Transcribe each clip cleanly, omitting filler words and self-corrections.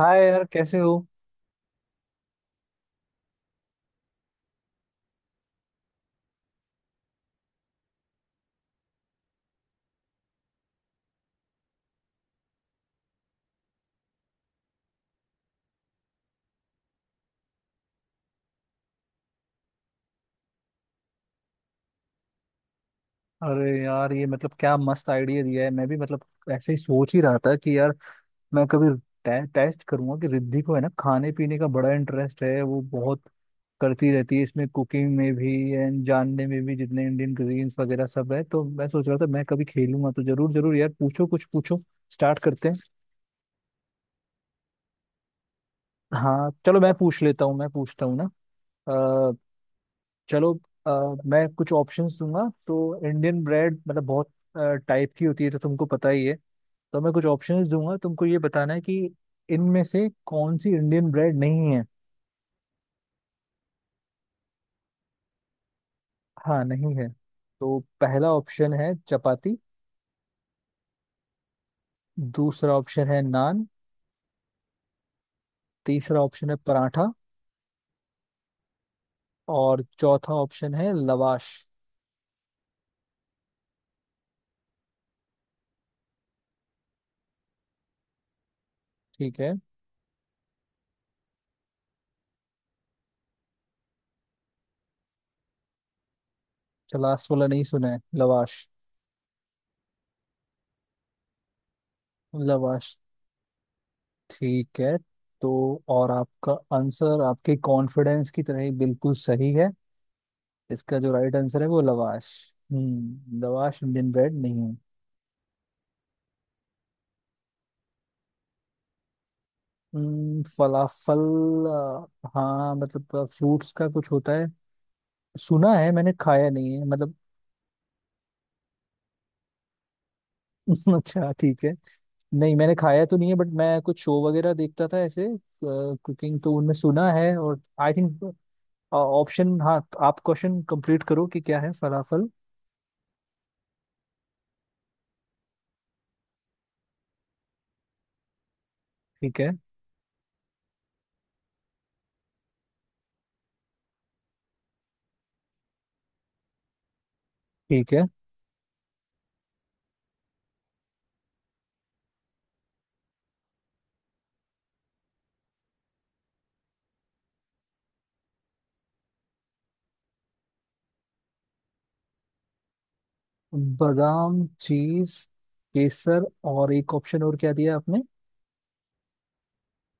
हाय यार, कैसे हो? अरे यार, ये मतलब क्या मस्त आइडिया दिया है। मैं भी मतलब ऐसे ही सोच ही रहा था कि यार, मैं कभी टेस्ट करूंगा कि रिद्धि को है ना, खाने पीने का बड़ा इंटरेस्ट है, वो बहुत करती रहती है इसमें, कुकिंग में भी एंड जानने में भी, जितने इंडियन क्यूजीन्स वगैरह सब है, तो मैं सोच रहा था मैं कभी खेलूंगा। तो जरूर जरूर यार, पूछो कुछ पूछो, स्टार्ट करते हैं। हाँ चलो, मैं पूछ लेता हूँ, मैं पूछता हूँ ना। चलो, मैं कुछ ऑप्शंस दूंगा, तो इंडियन ब्रेड मतलब बहुत टाइप की होती है, तो तुमको पता ही है। तो मैं कुछ ऑप्शंस दूंगा, तुमको ये बताना है कि इनमें से कौन सी इंडियन ब्रेड नहीं है। हाँ, नहीं है। तो पहला ऑप्शन है चपाती। दूसरा ऑप्शन है नान। तीसरा ऑप्शन है पराठा। और चौथा ऑप्शन है लवाश। ठीक है। अच्छा, लास्ट वाला नहीं सुना है, लवाश। लवाश, ठीक है। तो और आपका आंसर आपके कॉन्फिडेंस की तरह ही बिल्कुल सही है। इसका जो राइट आंसर है वो लवाश। लवाश इंडियन ब्रेड नहीं है। फलाफल। हाँ, मतलब फ्रूट्स का कुछ होता है, सुना है, मैंने खाया नहीं है मतलब। अच्छा, ठीक है। नहीं, मैंने खाया तो नहीं है, बट मैं कुछ शो वगैरह देखता था ऐसे, कुकिंग तो उनमें सुना है। और आई थिंक ऑप्शन, हाँ, आप क्वेश्चन कंप्लीट करो कि क्या है फलाफल। ठीक है। ठीक है। बादाम, चीज, केसर, और एक ऑप्शन और क्या दिया आपने?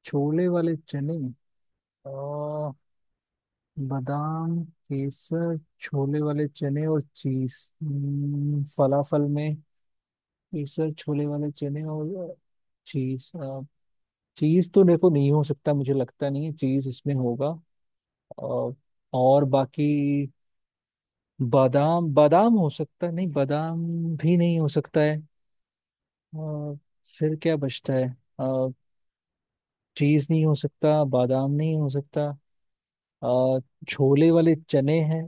छोले वाले चने। और बादाम, केसर, छोले वाले चने और चीज। फलाफल में केसर, छोले वाले चने और चीज। चीज तो देखो नहीं हो सकता, मुझे लगता नहीं है चीज इसमें होगा। और और, बाकी, बादाम, बादाम हो सकता है, नहीं, बादाम भी नहीं हो सकता है। और फिर क्या बचता है? चीज नहीं हो सकता, बादाम नहीं हो सकता, अ, छोले वाले चने हैं।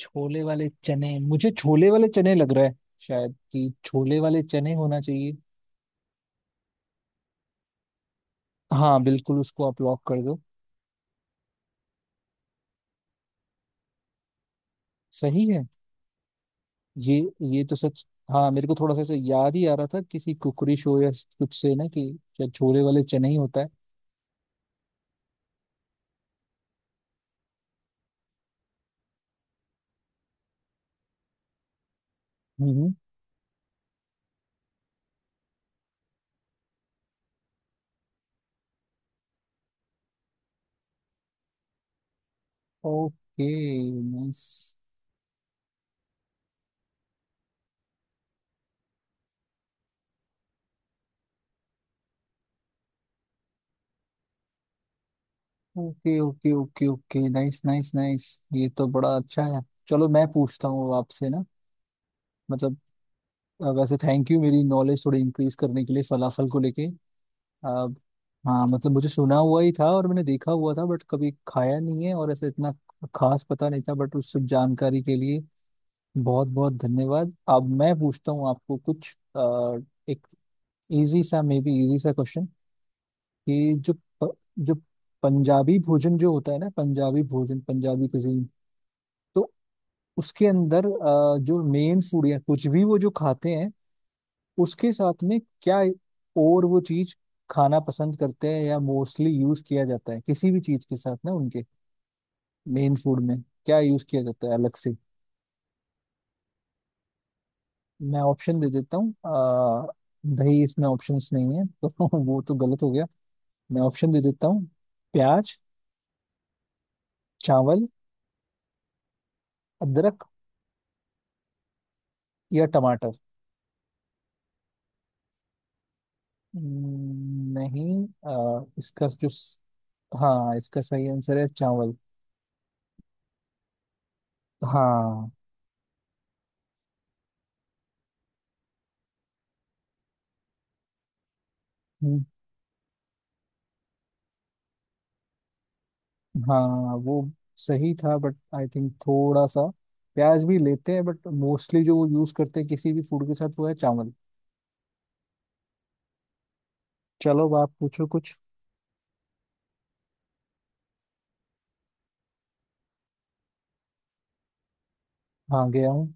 छोले वाले चने, मुझे छोले वाले चने लग रहा है। शायद कि छोले वाले चने होना चाहिए। हाँ, बिल्कुल, उसको आप लॉक कर दो। सही है। ये ये तो सच। हाँ, मेरे को थोड़ा सा ऐसे याद ही आ रहा था किसी कुकरी शो या कुछ से ना कि शायद छोले वाले चने ही होता है। हम्म हम्म। Okay, nice. Okay okay okay okay, nice nice nice. ये तो बड़ा अच्छा है। चलो, मैं पूछता हूँ अब आपसे ना, मतलब, वैसे थैंक यू मेरी नॉलेज थोड़ी इंक्रीज करने के लिए फलाफल को लेके। अब, हाँ, मतलब मुझे सुना हुआ ही था और मैंने देखा हुआ था, बट कभी खाया नहीं है और ऐसे इतना खास पता नहीं था। बट उस सब जानकारी के लिए बहुत बहुत धन्यवाद। अब मैं पूछता हूँ आपको कुछ, एक इजी सा, मे बी इजी सा क्वेश्चन। कि जो जो पंजाबी भोजन जो होता है ना, पंजाबी भोजन, पंजाबी कुजीन, तो उसके अंदर जो मेन फूड या कुछ भी वो जो खाते हैं, उसके साथ में क्या, और वो चीज खाना पसंद करते हैं या मोस्टली यूज किया जाता है किसी भी चीज के साथ ना, उनके मेन फूड में क्या यूज किया जाता है अलग से। मैं ऑप्शन दे देता हूँ। दही इसमें ऑप्शंस नहीं है, तो वो तो गलत हो गया। मैं ऑप्शन दे देता हूँ। प्याज, चावल, अदरक, या टमाटर। नहीं। हाँ इसका सही आंसर है चावल। हाँ। हम्म। हाँ, वो सही था, बट आई थिंक थोड़ा सा प्याज भी लेते हैं, बट मोस्टली जो वो यूज करते हैं किसी भी फूड के साथ वो है चावल। चलो, अब आप पूछो कुछ। हाँ, गया हूँ।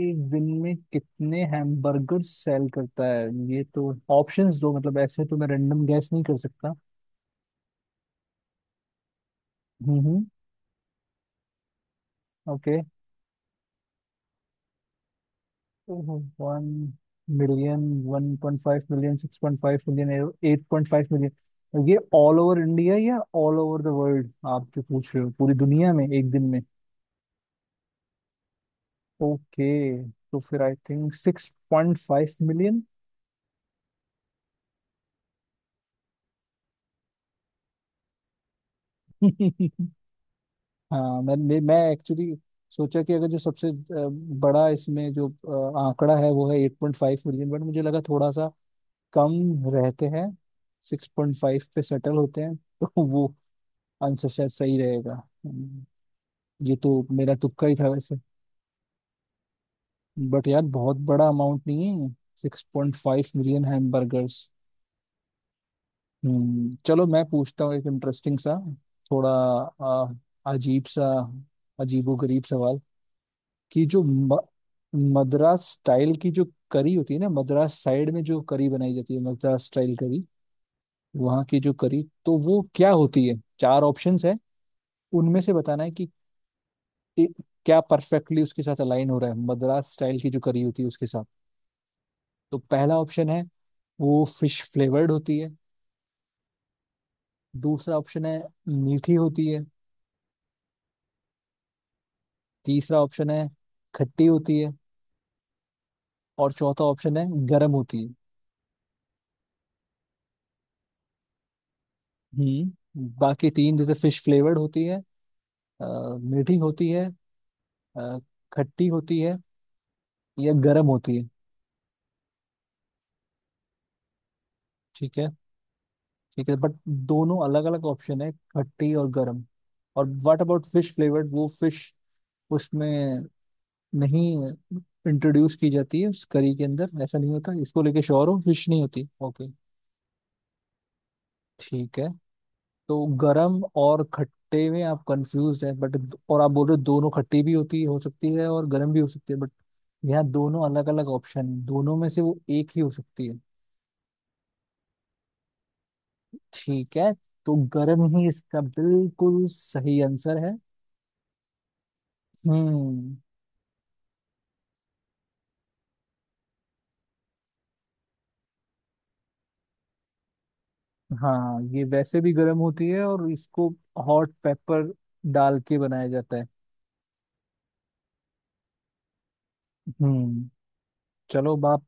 एक दिन में कितने हैमबर्गर सेल करता है? ये तो ऑप्शंस दो, मतलब ऐसे तो मैं रैंडम गैस नहीं कर सकता। हम्म, okay. 1 million, 1.5 million, 6.5 million, 8.5 million, ये ऑल ओवर इंडिया या ऑल ओवर द वर्ल्ड? आप जो पूछ रहे हो पूरी दुनिया में एक दिन में? ओके, तो फिर आई थिंक 6.5 मिलियन। हाँ, मैं मैं एक्चुअली सोचा कि अगर जो सबसे बड़ा इसमें जो आंकड़ा है वो है 8.5 मिलियन, बट मुझे लगा थोड़ा सा कम रहते हैं, 6.5 पे सेटल होते हैं। तो वो आंसर शायद सही रहेगा। हम्म, ये तो मेरा तुक्का ही था वैसे। बट यार, बहुत बड़ा अमाउंट नहीं है, 6.5 मिलियन हैमबर्गर्स। चलो, मैं पूछता हूँ एक इंटरेस्टिंग सा, थोड़ा आ, अजीब सा, अजीबो गरीब सवाल। कि जो मद्रास स्टाइल की जो करी होती है ना, मद्रास साइड में जो करी बनाई जाती है, मद्रास स्टाइल करी, वहाँ की जो करी, तो वो क्या होती है? चार ऑप्शंस है, उनमें से बताना है कि ए- क्या परफेक्टली उसके साथ अलाइन हो रहा है मद्रास स्टाइल की जो करी होती है उसके साथ। तो पहला ऑप्शन है वो फिश फ्लेवर्ड होती है। दूसरा ऑप्शन है मीठी होती है। तीसरा ऑप्शन है खट्टी होती है। और चौथा ऑप्शन है गर्म होती है। बाकी तीन, जैसे फिश फ्लेवर्ड होती है, अ, मीठी होती है, अ, खट्टी होती है, या गर्म होती है। ठीक है। ठीक है बट दोनों अलग अलग ऑप्शन है, खट्टी और गर्म। और व्हाट अबाउट फिश फ्लेवर्ड? वो फिश उसमें नहीं इंट्रोड्यूस की जाती है उस करी के अंदर, ऐसा नहीं होता। इसको लेके श्योर हो फिश नहीं होती? ओके, ठीक है। तो गरम और खट्टे में आप कंफ्यूज हैं बट, और आप बोल रहे हो दोनों खट्टी भी होती हो सकती है और गरम भी हो सकती है, बट यहाँ दोनों अलग अलग ऑप्शन है, दोनों में से वो एक ही हो सकती है। ठीक है, तो गरम ही इसका बिल्कुल सही आंसर है। हम्म। हाँ, ये वैसे भी गर्म होती है और इसको हॉट पेपर डाल के बनाया जाता है। हम्म चलो बाप।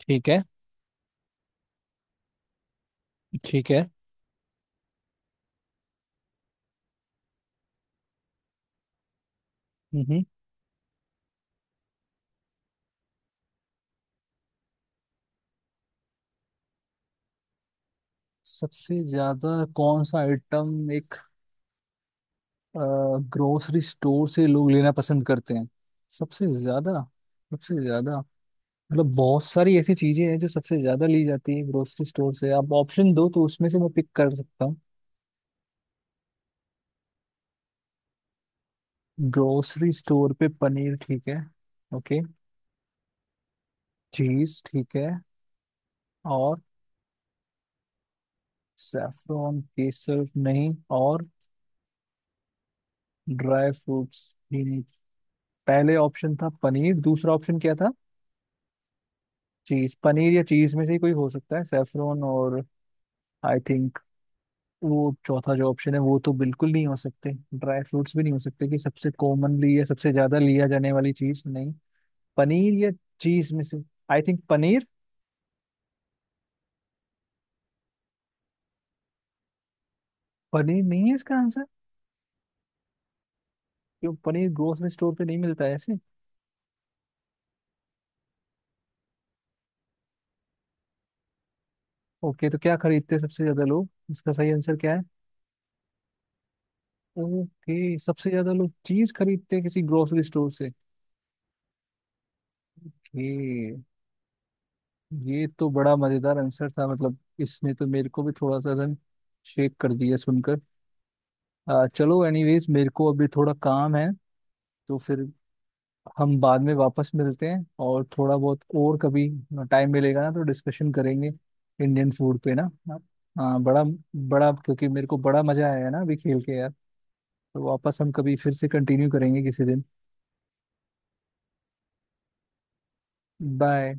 ठीक है। ठीक है। हम्म सबसे ज्यादा कौन सा आइटम एक ग्रोसरी स्टोर से लोग लेना पसंद करते हैं, सबसे ज्यादा? सबसे ज्यादा मतलब बहुत सारी ऐसी चीजें हैं जो सबसे ज्यादा ली जाती है ग्रोसरी स्टोर से, आप ऑप्शन दो तो उसमें से मैं पिक कर सकता हूँ। ग्रोसरी स्टोर पे पनीर, ठीक है। ओके, चीज, ठीक है। और सैफरॉन, केसर नहीं। और ड्राई फ्रूट्स भी नहीं। पहले ऑप्शन था पनीर, दूसरा ऑप्शन क्या था? चीज। पनीर या चीज में से ही कोई हो सकता है। सैफरॉन और, आई थिंक, वो चौथा जो ऑप्शन है वो तो बिल्कुल नहीं हो सकते। ड्राई फ्रूट्स भी नहीं हो सकते कि सबसे कॉमनली या सबसे ज्यादा लिया जाने वाली चीज नहीं। पनीर या चीज में से, आई थिंक पनीर। पनीर नहीं है इसका आंसर? क्यों, पनीर ग्रोसरी स्टोर पे नहीं मिलता है ऐसे? ओके, तो क्या खरीदते हैं सबसे ज्यादा लोग? इसका सही आंसर क्या है? ओके, सबसे ज्यादा लोग चीज खरीदते हैं किसी ग्रोसरी स्टोर से। ये ये तो बड़ा मजेदार आंसर था, मतलब इसने तो मेरे को भी थोड़ा सा रन शेक कर दिया सुनकर। चलो एनीवेज, मेरे को अभी थोड़ा काम है, तो फिर हम बाद में वापस मिलते हैं। और थोड़ा बहुत और कभी टाइम मिलेगा ना, तो डिस्कशन करेंगे इंडियन फूड पे ना। हाँ, बड़ा। बड़ा, क्योंकि मेरे को बड़ा मजा आया ना अभी खेल के यार। तो वापस हम कभी फिर से कंटिन्यू करेंगे किसी दिन। बाय।